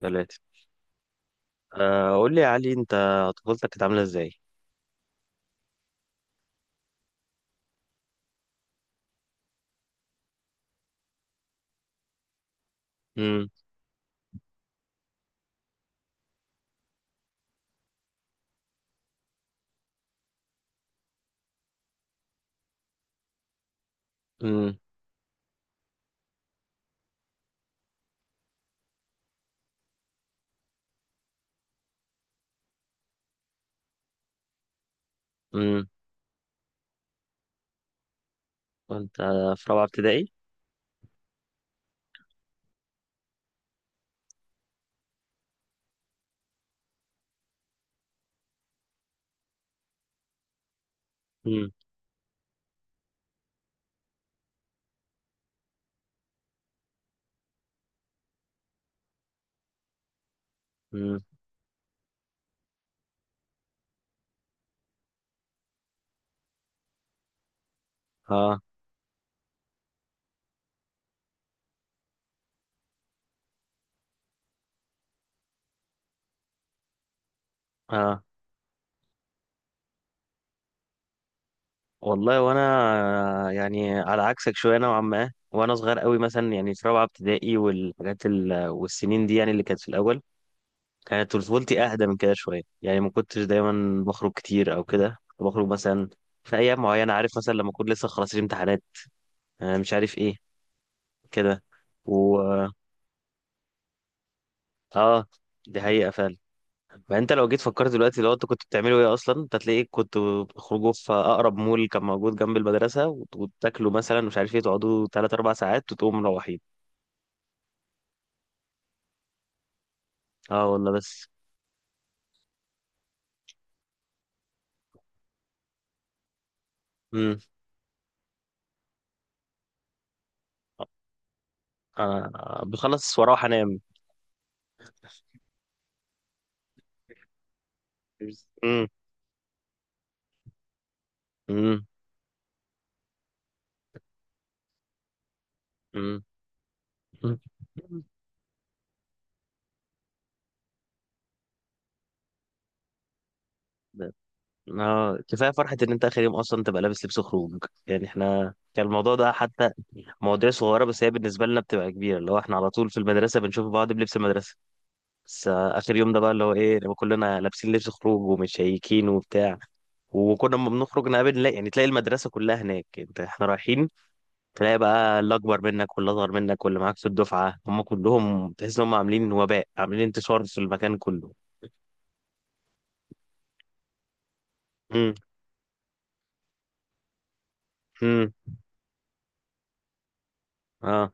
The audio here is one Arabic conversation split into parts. ثلاثة. قول لي يا علي، انت طفولتك كانت عاملة ازاي؟ امم. امم. امم. وانت في رابعة ابتدائي؟ امم. امم. اه. اه. والله، وانا يعني على عكسك شوية نوعا ما، وانا صغير قوي مثلا، يعني في رابعة ابتدائي والحاجات والسنين دي، يعني اللي كانت في الأول كانت طفولتي أهدى من كده شوية، يعني ما كنتش دايما بخرج كتير أو كده. كنت بخرج مثلا في أيام معينة، عارف، مثلا لما أكون لسه خلاص الامتحانات، مش عارف ايه كده. و اه، دي حقيقة فعلا. فانت لو جيت فكرت دلوقتي لو انت كنت بتعملوا ايه اصلا، انت هتلاقيك كنت بتخرجوا في اقرب مول كان موجود جنب المدرسه وتاكلوا، مثلا مش عارف ايه، تقعدوا 3 4 ساعات وتقوموا مروحين. اه والله. بس. امم. بخلص واروح انام. امم. امم. امم. اه، كفايه فرحه ان انت اخر يوم اصلا تبقى لابس لبس خروج. يعني احنا كان الموضوع ده حتى مواضيع صغيره، بس هي بالنسبه لنا بتبقى كبيره. اللي هو احنا على طول في المدرسه بنشوف بعض بلبس المدرسه، بس اخر يوم ده بقى اللي هو ايه، لما كلنا لابسين لبس خروج ومتشيكين وبتاع. وكنا لما بنخرج نقابل نلاقي، يعني تلاقي المدرسه كلها هناك، انت احنا رايحين تلاقي بقى اللي اكبر منك واللي اصغر منك واللي معاك في الدفعه، هم كلهم تحس ان هم عاملين وباء، عاملين انتشار في المكان كله. امم. امم. اه.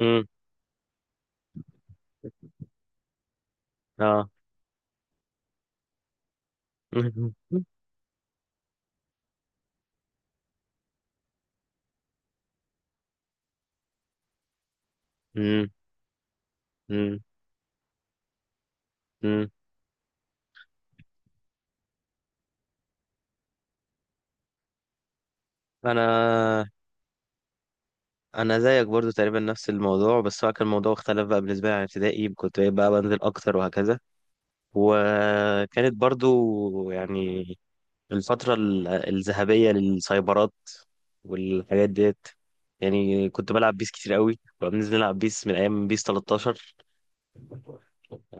امم. اه. امم. امم. امم. انا انا زيك برضو تقريبا نفس الموضوع، بس هو كان الموضوع اختلف بقى بالنسبه لي عن ابتدائي. كنت بقى بنزل اكتر وهكذا. وكانت برضو يعني الفترة الذهبية للسايبرات والحاجات ديت. يعني كنت بلعب بيس كتير قوي. كنا بننزل نلعب بيس من أيام بيس 13.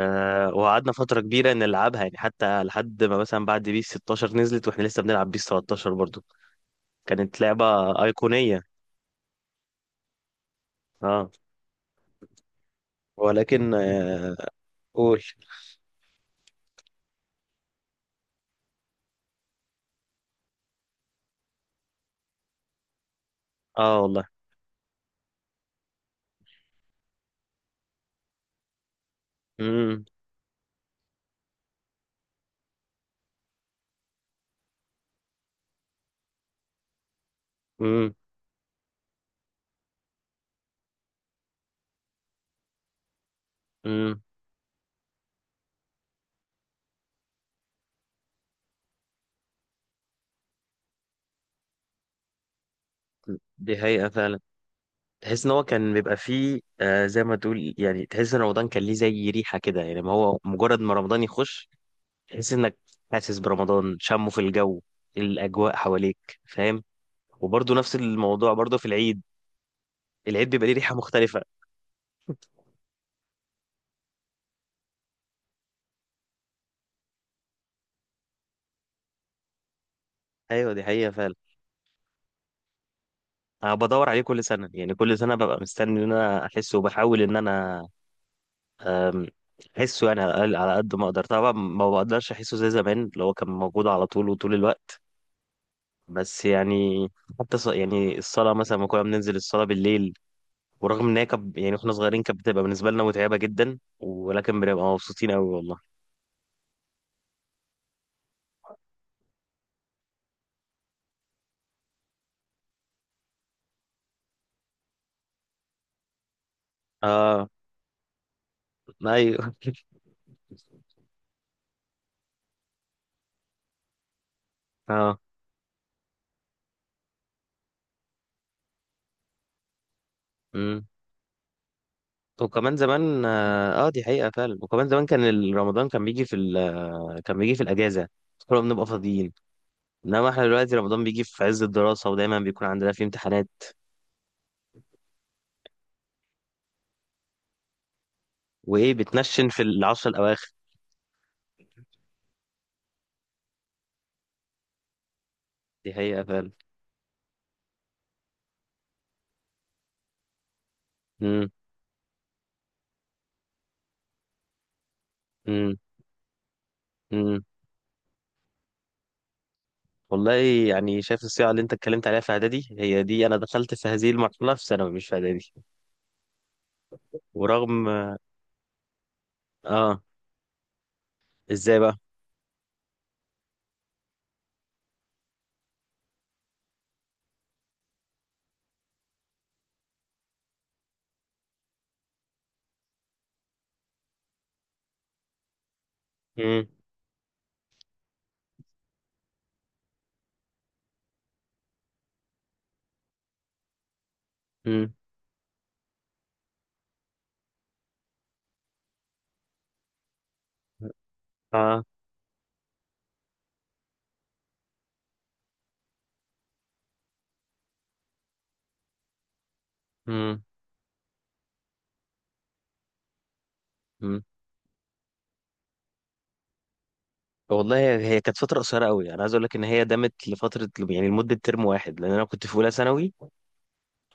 وقعدنا فترة كبيرة نلعبها، يعني حتى لحد ما مثلا بعد بيس 16 نزلت واحنا لسه بنلعب بيس 13 برضو. كانت لعبة أيقونية. اه. ولكن آه قول. اه والله. امم. امم. امم. دي حقيقة فعلا. تحس ان هو كان بيبقى فيه زي ما تقول، يعني تحس ان رمضان كان ليه زي ريحه كده، يعني ما هو مجرد ما رمضان يخش تحس انك حاسس برمضان، شمه في الجو، الاجواء حواليك، فاهم. وبرضه نفس الموضوع برضه في العيد، العيد بيبقى ليه ريحه مختلفه. ايوه، دي حقيقه فعلا. انا بدور عليه كل سنه، يعني كل سنه ببقى مستني ان انا احسه وبحاول ان انا آم، احسه، يعني على على قد ما اقدر. طبعا ما بقدرش احسه زي زمان اللي هو كان موجود على طول وطول الوقت، بس يعني حتى يعني الصلاة مثلا، ما كنا بننزل الصلاة بالليل، ورغم ان هي يعني واحنا صغيرين كانت بتبقى بالنسبة لنا متعبة جدا، ولكن بنبقى مبسوطين قوي والله. اه. ايوه. اه. امم. وكمان زمان اه، دي حقيقة فعلا. وكمان زمان كان رمضان كان بيجي في كان بيجي في الأجازة. كنا بنبقى فاضيين، انما احنا دلوقتي رمضان بيجي في عز الدراسة ودايما بيكون عندنا فيه امتحانات. وايه، بتنشن في العشر الأواخر. دي حقيقة فعلا. امم. امم. والله، يعني شايف الصيغة اللي انت اتكلمت عليها في اعدادي، هي دي انا دخلت في هذه المرحلة في ثانوي، مش في اعدادي. ورغم. اه. ازاي بقى. امم. امم. اه. امم. امم. والله هي هي كانت فترة قصيرة قوي. انا عايز اقول لك ان هي دامت لفترة، يعني لمدة ترم واحد، لان انا كنت في اولى ثانوي.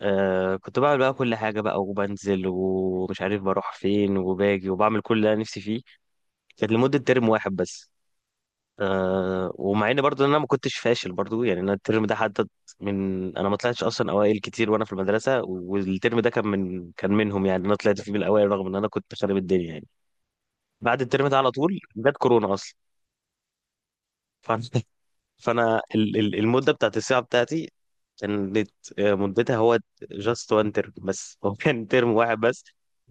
كنت بعمل بقى كل حاجة بقى، وبنزل ومش عارف بروح فين، وباجي وبعمل كل اللي انا نفسي فيه. كانت لمدة ترم واحد بس. ومع ان برضه انا ما كنتش فاشل، برضه يعني انا الترم ده حدد من انا ما طلعتش اصلا اوائل كتير وانا في المدرسه. والترم ده كان من كان منهم، يعني انا طلعت فيه من الاوائل رغم ان انا كنت خارب الدنيا يعني. بعد الترم ده على طول جت كورونا اصلا. فانا. فانا المده بتاعت الساعه بتاعتي كانت مدتها هو جاست وان ترم بس. هو كان ترم واحد بس.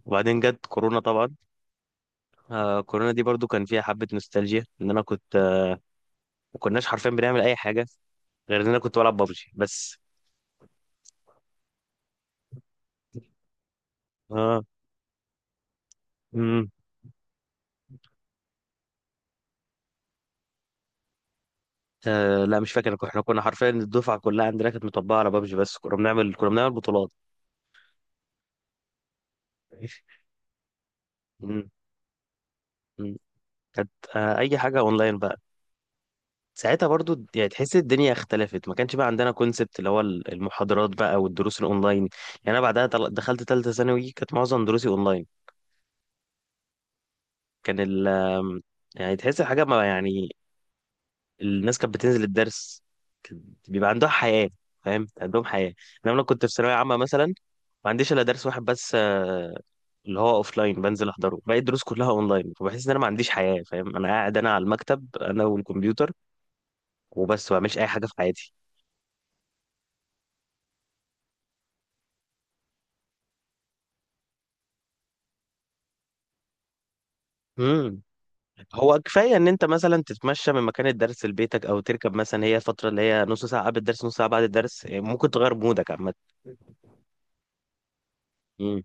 وبعدين جت كورونا طبعا. كورونا دي برضو كان فيها حبه نوستالجيا، ان انا كنت ما كناش حرفيا بنعمل اي حاجه غير ان انا كنت بلعب ببجي بس. اه. امم. لا، مش فاكر. احنا كنا حرفيا الدفعه كلها عندنا كانت مطبقه على بابجي بس. كنا بنعمل بطولات. مم. مم. كانت اي حاجه اونلاين بقى ساعتها برضو. يعني تحس الدنيا اختلفت، ما كانش بقى عندنا كونسبت اللي هو المحاضرات بقى والدروس الاونلاين. يعني انا بعدها دخلت ثالثه ثانوي، كانت معظم دروسي اونلاين. كان ال يعني تحس الحاجه ما، يعني الناس كانت بتنزل الدرس كان بيبقى عندها حياه، فاهم، عندهم حياه. انما انا كنت في ثانويه عامه مثلا، ما عنديش الا درس واحد بس اللي هو اوف لاين بنزل احضره، باقي الدروس كلها اونلاين. فبحس ان انا ما عنديش حياه، فاهم. انا قاعد، انا على المكتب، انا والكمبيوتر وبس، ما بعملش اي حاجه في حياتي. امم. هو كفايه ان انت مثلا تتمشى من مكان الدرس لبيتك او تركب مثلا، هي فتره اللي هي نص ساعه قبل الدرس نص ساعه بعد الدرس، يعني ممكن تغير مودك عامه. امم.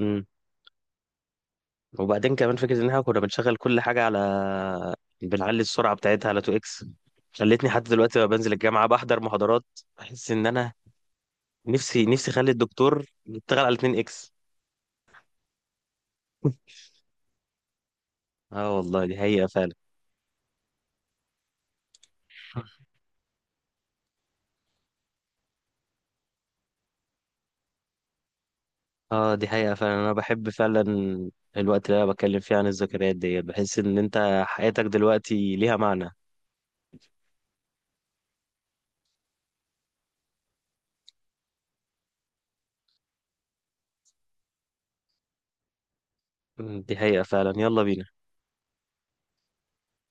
امم. وبعدين كمان فكره ان احنا كنا بنشغل كل حاجه على، بنعلي السرعه بتاعتها على 2 اكس. خلتني حتى دلوقتي لما بنزل الجامعه بحضر محاضرات، بحس ان انا نفسي نفسي اخلي الدكتور يشتغل على 2 اكس. اه والله، دي حقيقة فعلا. اه، دي حقيقة فعلا. انا بحب فعلا الوقت اللي انا بتكلم فيه عن الذكريات دي، بحس ان انت حياتك دلوقتي ليها معنى. مم، دي حقيقة فعلا. يلا بينا.